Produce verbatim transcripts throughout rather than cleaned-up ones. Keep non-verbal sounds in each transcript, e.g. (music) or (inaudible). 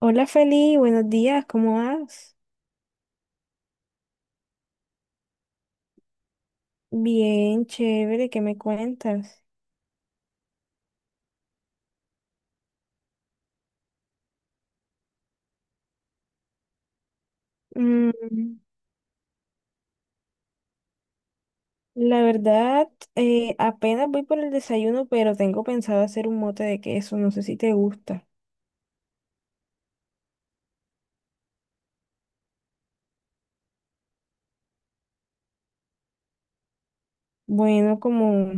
Hola Feli, buenos días, ¿cómo vas? Bien, chévere, ¿qué me cuentas? Mm, la verdad, eh, Apenas voy por el desayuno, pero tengo pensado hacer un mote de queso, no sé si te gusta. Bueno, como,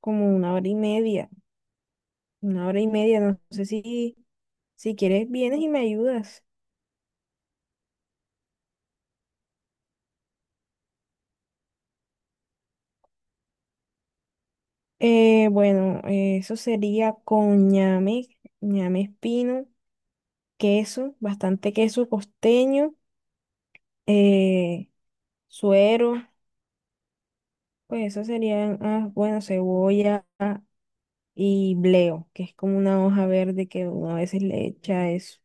como una hora y media, una hora y media, no sé si, si quieres vienes y me ayudas. Eh, bueno, eh, Eso sería con ñame, ñame espino, queso, bastante queso costeño, eh, suero. Pues eso serían, ah, bueno, cebolla y bleo, que es como una hoja verde que uno a veces le echa eso.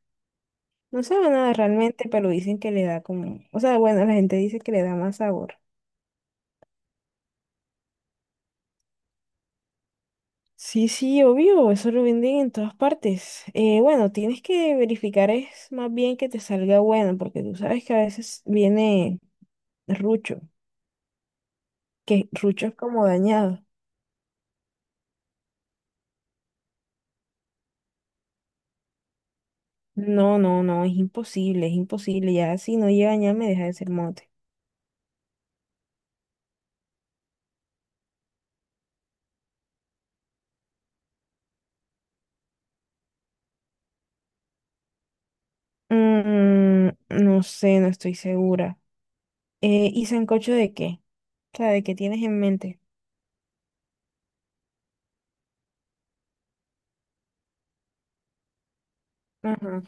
No sabe nada realmente, pero dicen que le da como, o sea, bueno, la gente dice que le da más sabor. Sí, sí, obvio, eso lo venden en todas partes. Eh, bueno, tienes que verificar es más bien que te salga bueno, porque tú sabes que a veces viene rucho, que rucho es como dañado. No, no, no, es imposible, es imposible. Ya si no llega ya me deja de ser mote. Mm, no sé, no estoy segura. Eh, ¿y sancocho de qué? O sea, ¿de qué tienes en mente? Ajá.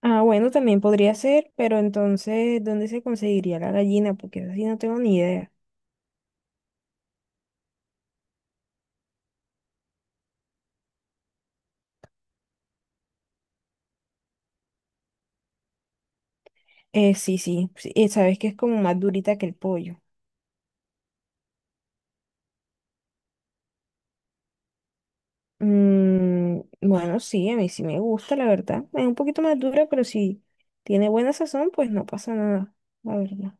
Ah, bueno, también podría ser, pero entonces, ¿dónde se conseguiría la gallina? Porque así no tengo ni idea. Eh, sí, sí, sí, eh, sabes que es como más durita que el pollo. Mm, bueno, sí, a mí sí me gusta, la verdad. Es un poquito más dura, pero si tiene buena sazón, pues no pasa nada, la verdad.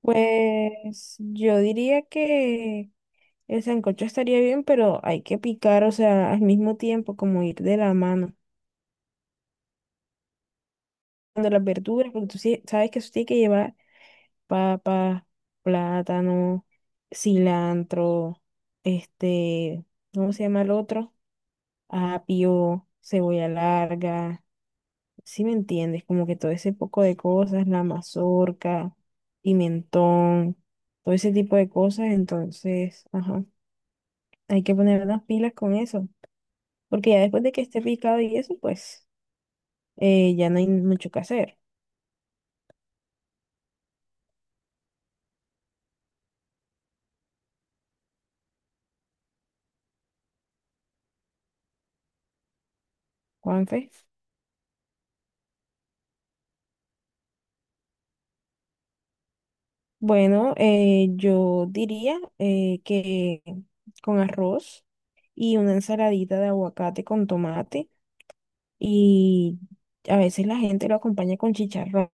Pues yo diría que... El sancocho estaría bien, pero hay que picar, o sea, al mismo tiempo, como ir de la mano. De las verduras, porque tú sí sabes que eso tiene que llevar papa, plátano, cilantro, este, ¿cómo se llama el otro? Apio, cebolla larga, ¿si me entiendes? Como que todo ese poco de cosas, la mazorca, pimentón, todo ese tipo de cosas, entonces, ajá, hay que poner las pilas con eso. Porque ya después de que esté picado y eso, pues eh, ya no hay mucho que hacer, Juanfe. Bueno, eh, yo diría eh, que con arroz y una ensaladita de aguacate con tomate y a veces la gente lo acompaña con chicharrón.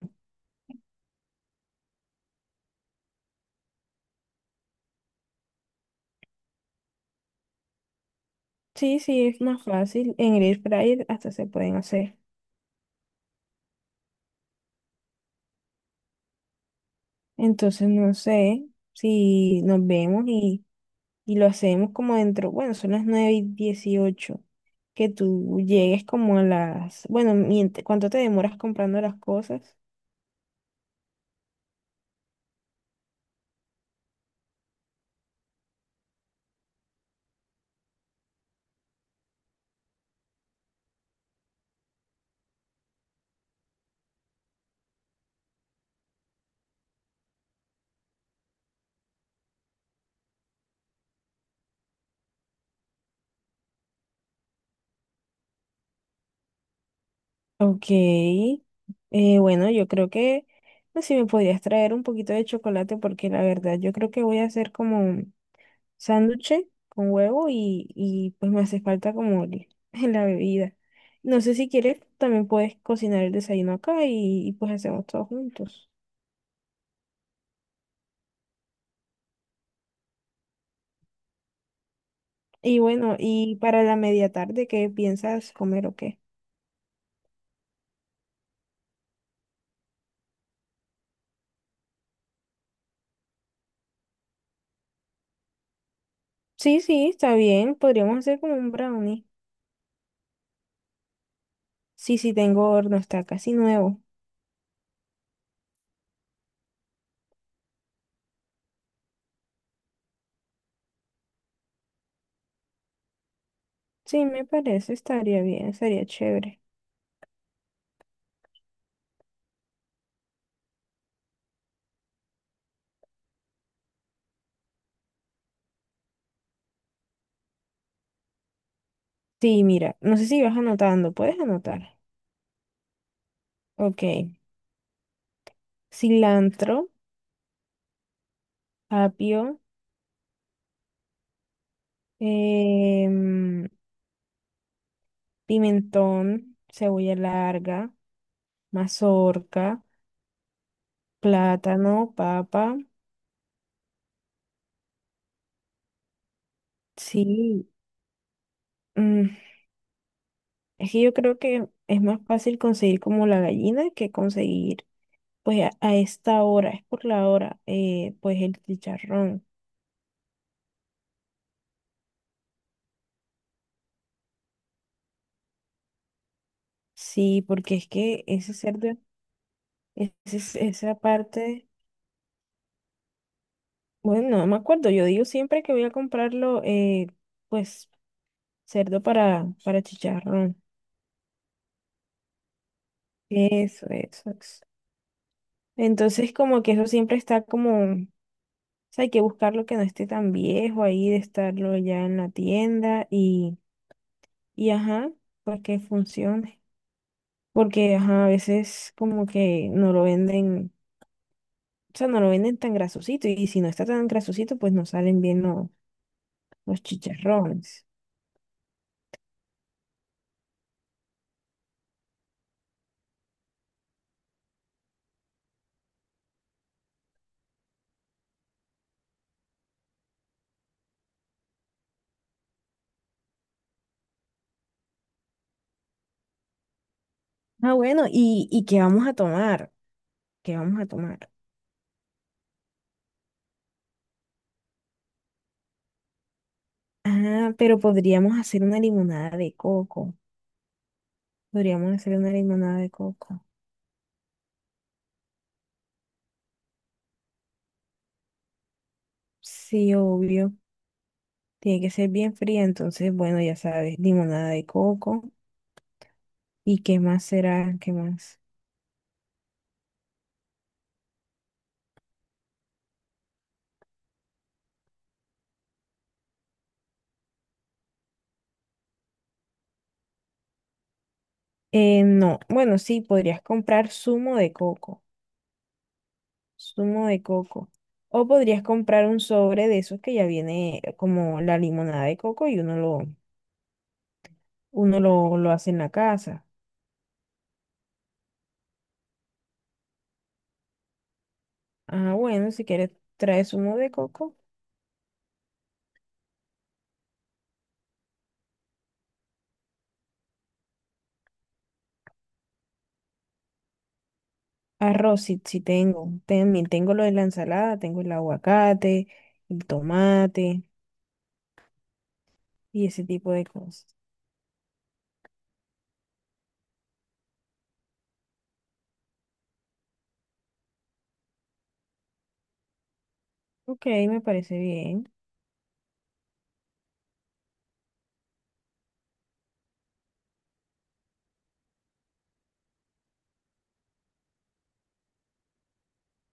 Sí, sí, es más fácil. En el air fryer hasta se pueden hacer. Entonces, no sé si nos vemos y lo hacemos como dentro, bueno, son las nueve y dieciocho. Que tú llegues como a las, bueno, mient- ¿cuánto te demoras comprando las cosas? Ok, eh, bueno, yo creo que, no sé, si me podrías traer un poquito de chocolate porque la verdad yo creo que voy a hacer como un sándwich con huevo y, y pues me hace falta como el- (laughs) la bebida. No sé si quieres, también puedes cocinar el desayuno acá y, y pues hacemos todos juntos. Y bueno, y para la media tarde, ¿qué piensas comer o qué? Sí, sí, está bien. Podríamos hacer como un brownie. Sí, sí, tengo horno, está casi nuevo. Sí, me parece, estaría bien, estaría chévere. Sí, mira, no sé si vas anotando, puedes anotar. Ok, cilantro, apio, em, pimentón, cebolla larga, mazorca, plátano, papa. Sí, mm, es que yo creo que es más fácil conseguir como la gallina que conseguir, pues a, a esta hora, es por la hora, eh, pues el chicharrón. Sí, porque es que ese cerdo, ese es- esa parte, bueno, no me acuerdo, yo digo siempre que voy a comprarlo, eh, pues cerdo para, para chicharrón. Eso, eso, eso. Entonces como que eso siempre está como, o sea, hay que buscarlo que no esté tan viejo ahí, de estarlo ya en la tienda y ajá, porque funcione. Porque ajá, a veces como que no lo venden, o sea, no lo venden tan grasosito. Y si no está tan grasosito, pues no salen bien los, los chicharrones. Ah, bueno, ¿y, y qué vamos a tomar? ¿Qué vamos a tomar? Ah, pero podríamos hacer una limonada de coco. Podríamos hacer una limonada de coco. Sí, obvio. Tiene que ser bien fría, entonces, bueno, ya sabes, limonada de coco. ¿Y qué más será? ¿Qué más? Eh, no, bueno, sí, podrías comprar zumo de coco, zumo de coco. O podrías comprar un sobre de esos que ya viene eh, como la limonada de coco y uno lo, uno lo, lo hace en la casa. Ah, bueno, si quieres trae zumo de coco. Arroz, sí, sí tengo. También tengo lo de la ensalada, tengo el aguacate, el tomate y ese tipo de cosas. Ok, me parece bien.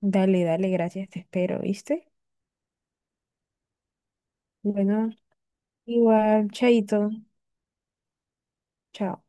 Dale, dale, gracias, te espero, ¿viste? Bueno, igual, chaito, chao.